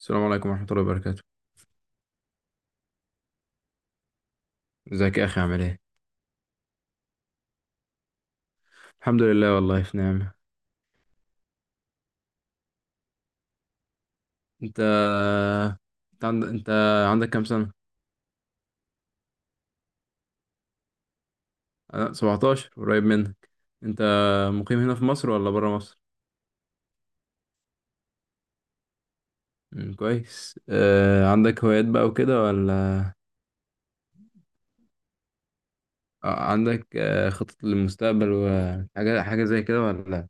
السلام عليكم ورحمة الله وبركاته. ازيك يا أخي عامل ايه؟ الحمد لله، والله في نعمة. انت انت عندك كام سنة؟ أنا 17 قريب منك. انت مقيم هنا في مصر ولا برا مصر؟ مم، كويس. عندك هوايات بقى وكده ولا؟ عندك خطط للمستقبل وحاجة حاجة زي كده ولا؟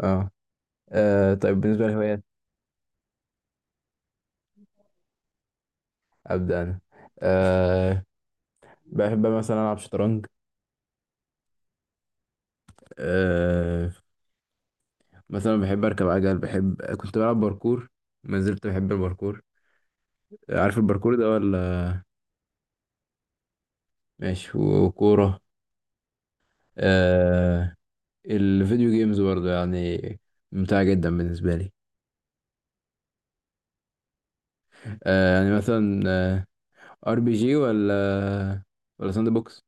اه. طيب بالنسبة للهوايات. أبدأ أنا. آه... بحب مثلا ألعب شطرنج. آه، مثلا بحب اركب عجل، بحب كنت بلعب باركور. ما زلت بحب الباركور. عارف الباركور ده ولا؟ ماشي وكورة. آه الفيديو جيمز برضه يعني ممتعة جدا بالنسبة لي. يعني مثلا ار بي جي، ولا ساند بوكس؟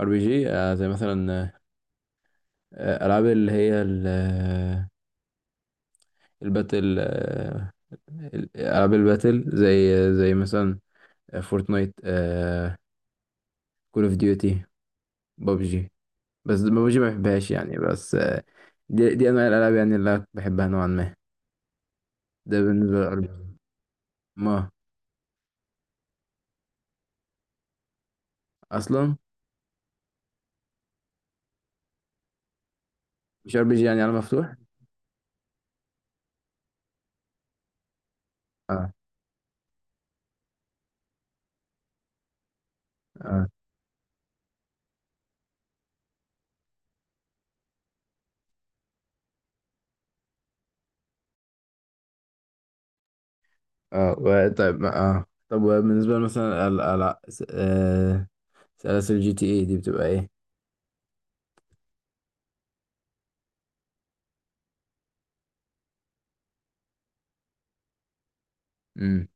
ار بي جي، زي مثلا، العاب اللي هي ال- آه، الباتل. العاب الباتل، زي مثلا فورتنايت، كول اوف ديوتي، بابجي. بس ببجي ما بحبهاش يعني، بس. دي انواع الالعاب يعني اللي أنا بحبها نوعا ما. ده بالنسبه للار بي جي. ما اصلا مش ار بي جي يعني على مفتوح. اه، اه، اه. طيب، طب وبالنسبه مثلا ال آه، سلاسل جي تي اي دي بتبقى ايه؟ امم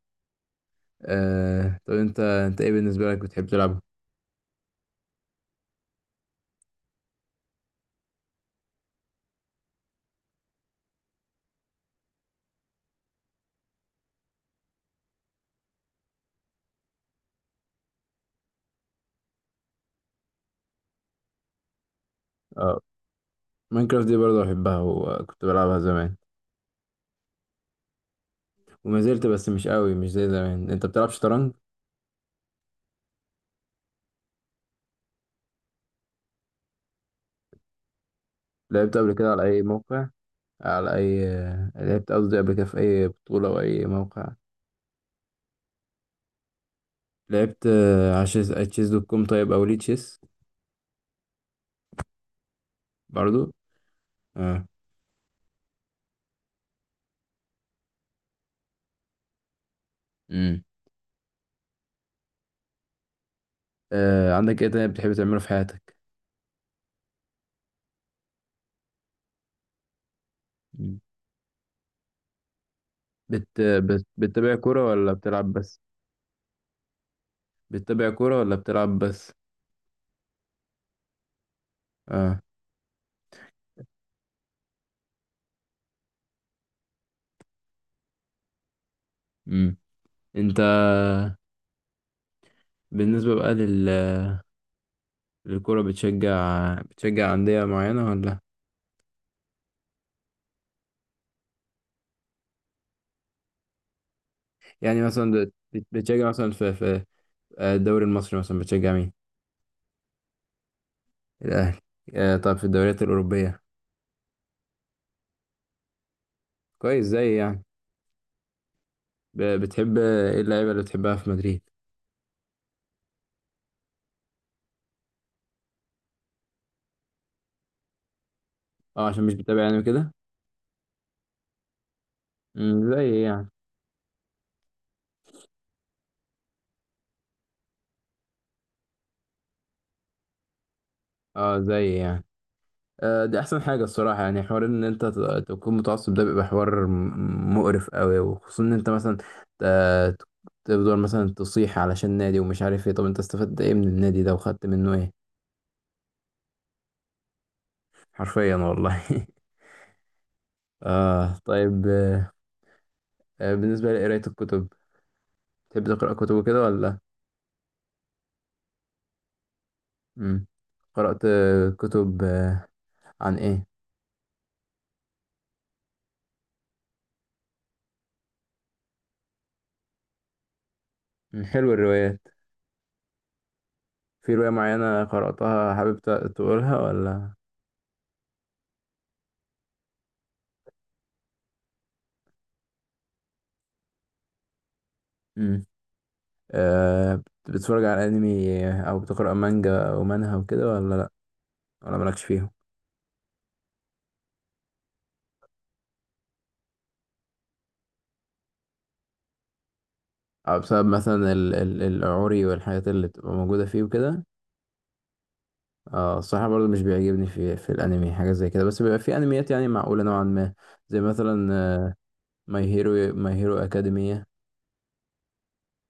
طب انت ايه بالنسبه لك بتحب تلعبها؟ اه. ماينكرافت دي برضه بحبها وكنت بلعبها زمان وما زلت، بس مش قوي، مش زي زمان. انت بتلعب شطرنج؟ لعبت قبل كده على اي موقع، على أي لعبت، قصدي، قبل كده في أي بطولة أو أي موقع؟ لعبت على شيز، على تشيز دوت كوم، طيب، أو ليه تشيس برضو؟ اه. امم عندك إيه تاني بتحب تعمله في حياتك؟ مم. بتتابع كورة ولا بتلعب بس؟ بتتابع كورة ولا بتلعب بس؟ اه. امم أنت، بالنسبة بقى الكورة، بتشجع أندية معينة ولا؟ يعني مثلا بتشجع مثلا في الدوري المصري، مثلا بتشجع مين؟ الأهلي. طب في الدوريات الأوروبية؟ كويس، زي يعني. بتحب إيه اللعيبة اللي بتحبها في مدريد؟ أه، عشان مش بتابع يعني كده. زي يعني. أه، زي يعني. دي أحسن حاجة الصراحة، يعني حوار إن أنت تكون متعصب ده بيبقى حوار مقرف أوي، وخصوصا إن أنت مثلا ت- تفضل مثلا تصيح علشان نادي ومش عارف إيه. طب أنت استفدت إيه من النادي ده وخدت منه إيه؟ حرفيا والله. طيب. بالنسبة لقراية الكتب، تحب تقرأ كتب وكده ولا؟ مم. قرأت كتب عن إيه؟ مم. حلو الروايات. في رواية معينة قرأتها، حابب تقولها ولا؟ مم. أه. بتتفرج على أنمي أو بتقرأ مانجا أو منهوا وكده، ولا لأ، ولا مالكش فيهم؟ أو بسبب مثلا ال العوري والحاجات اللي بتبقى موجودة فيه وكده؟ اه، الصراحة برضو مش بيعجبني في الأنمي حاجة زي كده، بس بيبقى في أنميات يعني معقولة نوعا ما، زي مثلا ماي هيرو أكاديمية.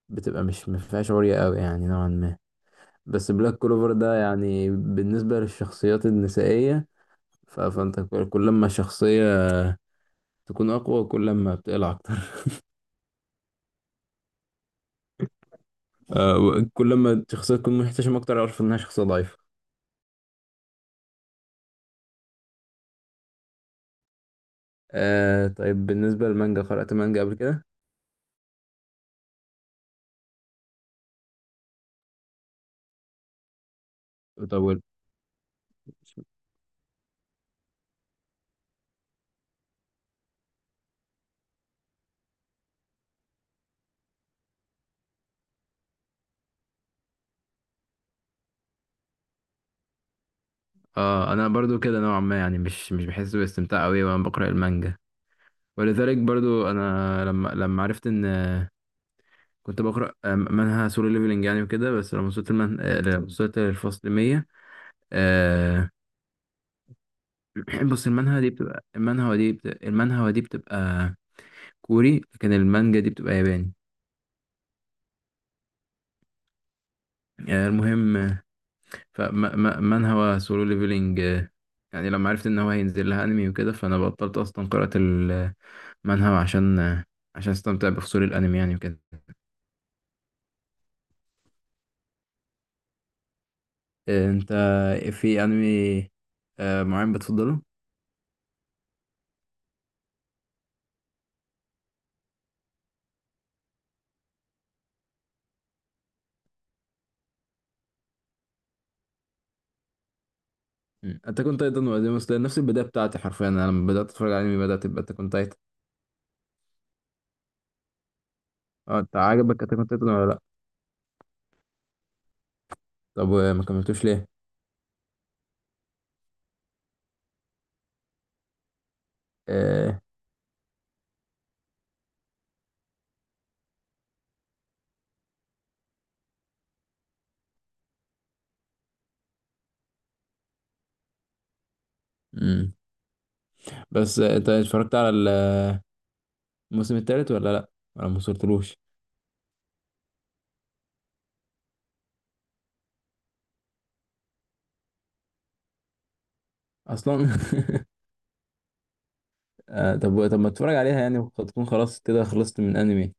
بتبقى مش مفيهاش عورية أوي يعني نوعا ما. بس بلاك كلوفر ده، يعني بالنسبة للشخصيات النسائية، فانت كل ما الشخصية تكون أقوى، كل ما بتقلع أكتر. كل ما الشخصية تكون محتشمة أكتر، أعرف إنها شخصية ضعيفة. طيب بالنسبة للمانجا، قرأت مانجا قبل كده؟ طب. اه، انا برضو كده نوعا ما، يعني مش بحس باستمتاع قوي وانا بقرا المانجا. ولذلك برضو انا، لما عرفت ان كنت بقرا منها سولو ليفلنج يعني وكده، بس لما وصلت المن... آه، لما وصلت للفصل 100. بص، المانهوا دي بتبقى كوري، لكن المانجا دي بتبقى ياباني. المهم، فمانهوا سولو ليفلينج. يعني لما عرفت ان هو هينزل لها انمي وكده، فانا بطلت اصلا قراءة المانهوا، عشان عشان استمتع بفصول الانمي يعني وكده. انت، في انمي معين بتفضله؟ مم. انت كنت ايضا ولا ديمون سلاير؟ نفس البداية بتاعتي حرفيا، انا لما بدأت اتفرج على انمي بدأت تبقى انت كنت ايضا. اه، انت عجبك انت كنت ايضا ولا لا؟ طب وما كملتوش ليه؟ امم بس انت اتفرجت على الموسم الثالث ولا لا؟ انا ما وصلتلوش اصلا. طب، طب ما تتفرج عليها يعني، وقد تكون خلاص كده خلصت من انمي.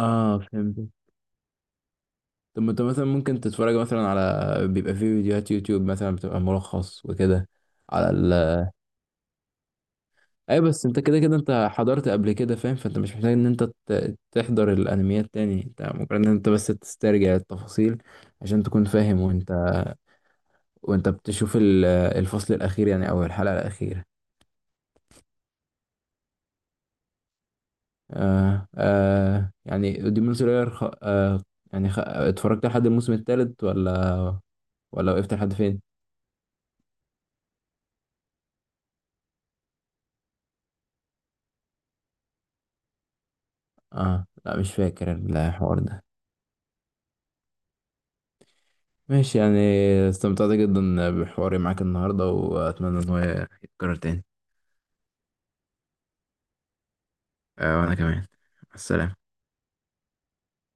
اه، فهمت. طب ما انت مثلا ممكن تتفرج مثلا على بيبقى في فيديوهات يوتيوب مثلا بتبقى ملخص وكده. على ال اي، بس انت كده كده انت حضرت قبل كده، فاهم، فانت مش محتاج ان انت تحضر الانميات تاني، انت ممكن ان انت بس تسترجع التفاصيل عشان تكون فاهم، وانت، وانت بتشوف الفصل الاخير، يعني او الحلقة الاخيرة. يعني ديمون سلاير، خ... آه يعني، اتفرجت لحد الموسم الثالث ولا وقفت لحد فين؟ اه، لا، مش فاكر الحوار ده. ماشي يعني. استمتعت جدا بحواري معاك النهاردة، وأتمنى إن هو يتكرر تاني. وأنا كمان. مع السلامة.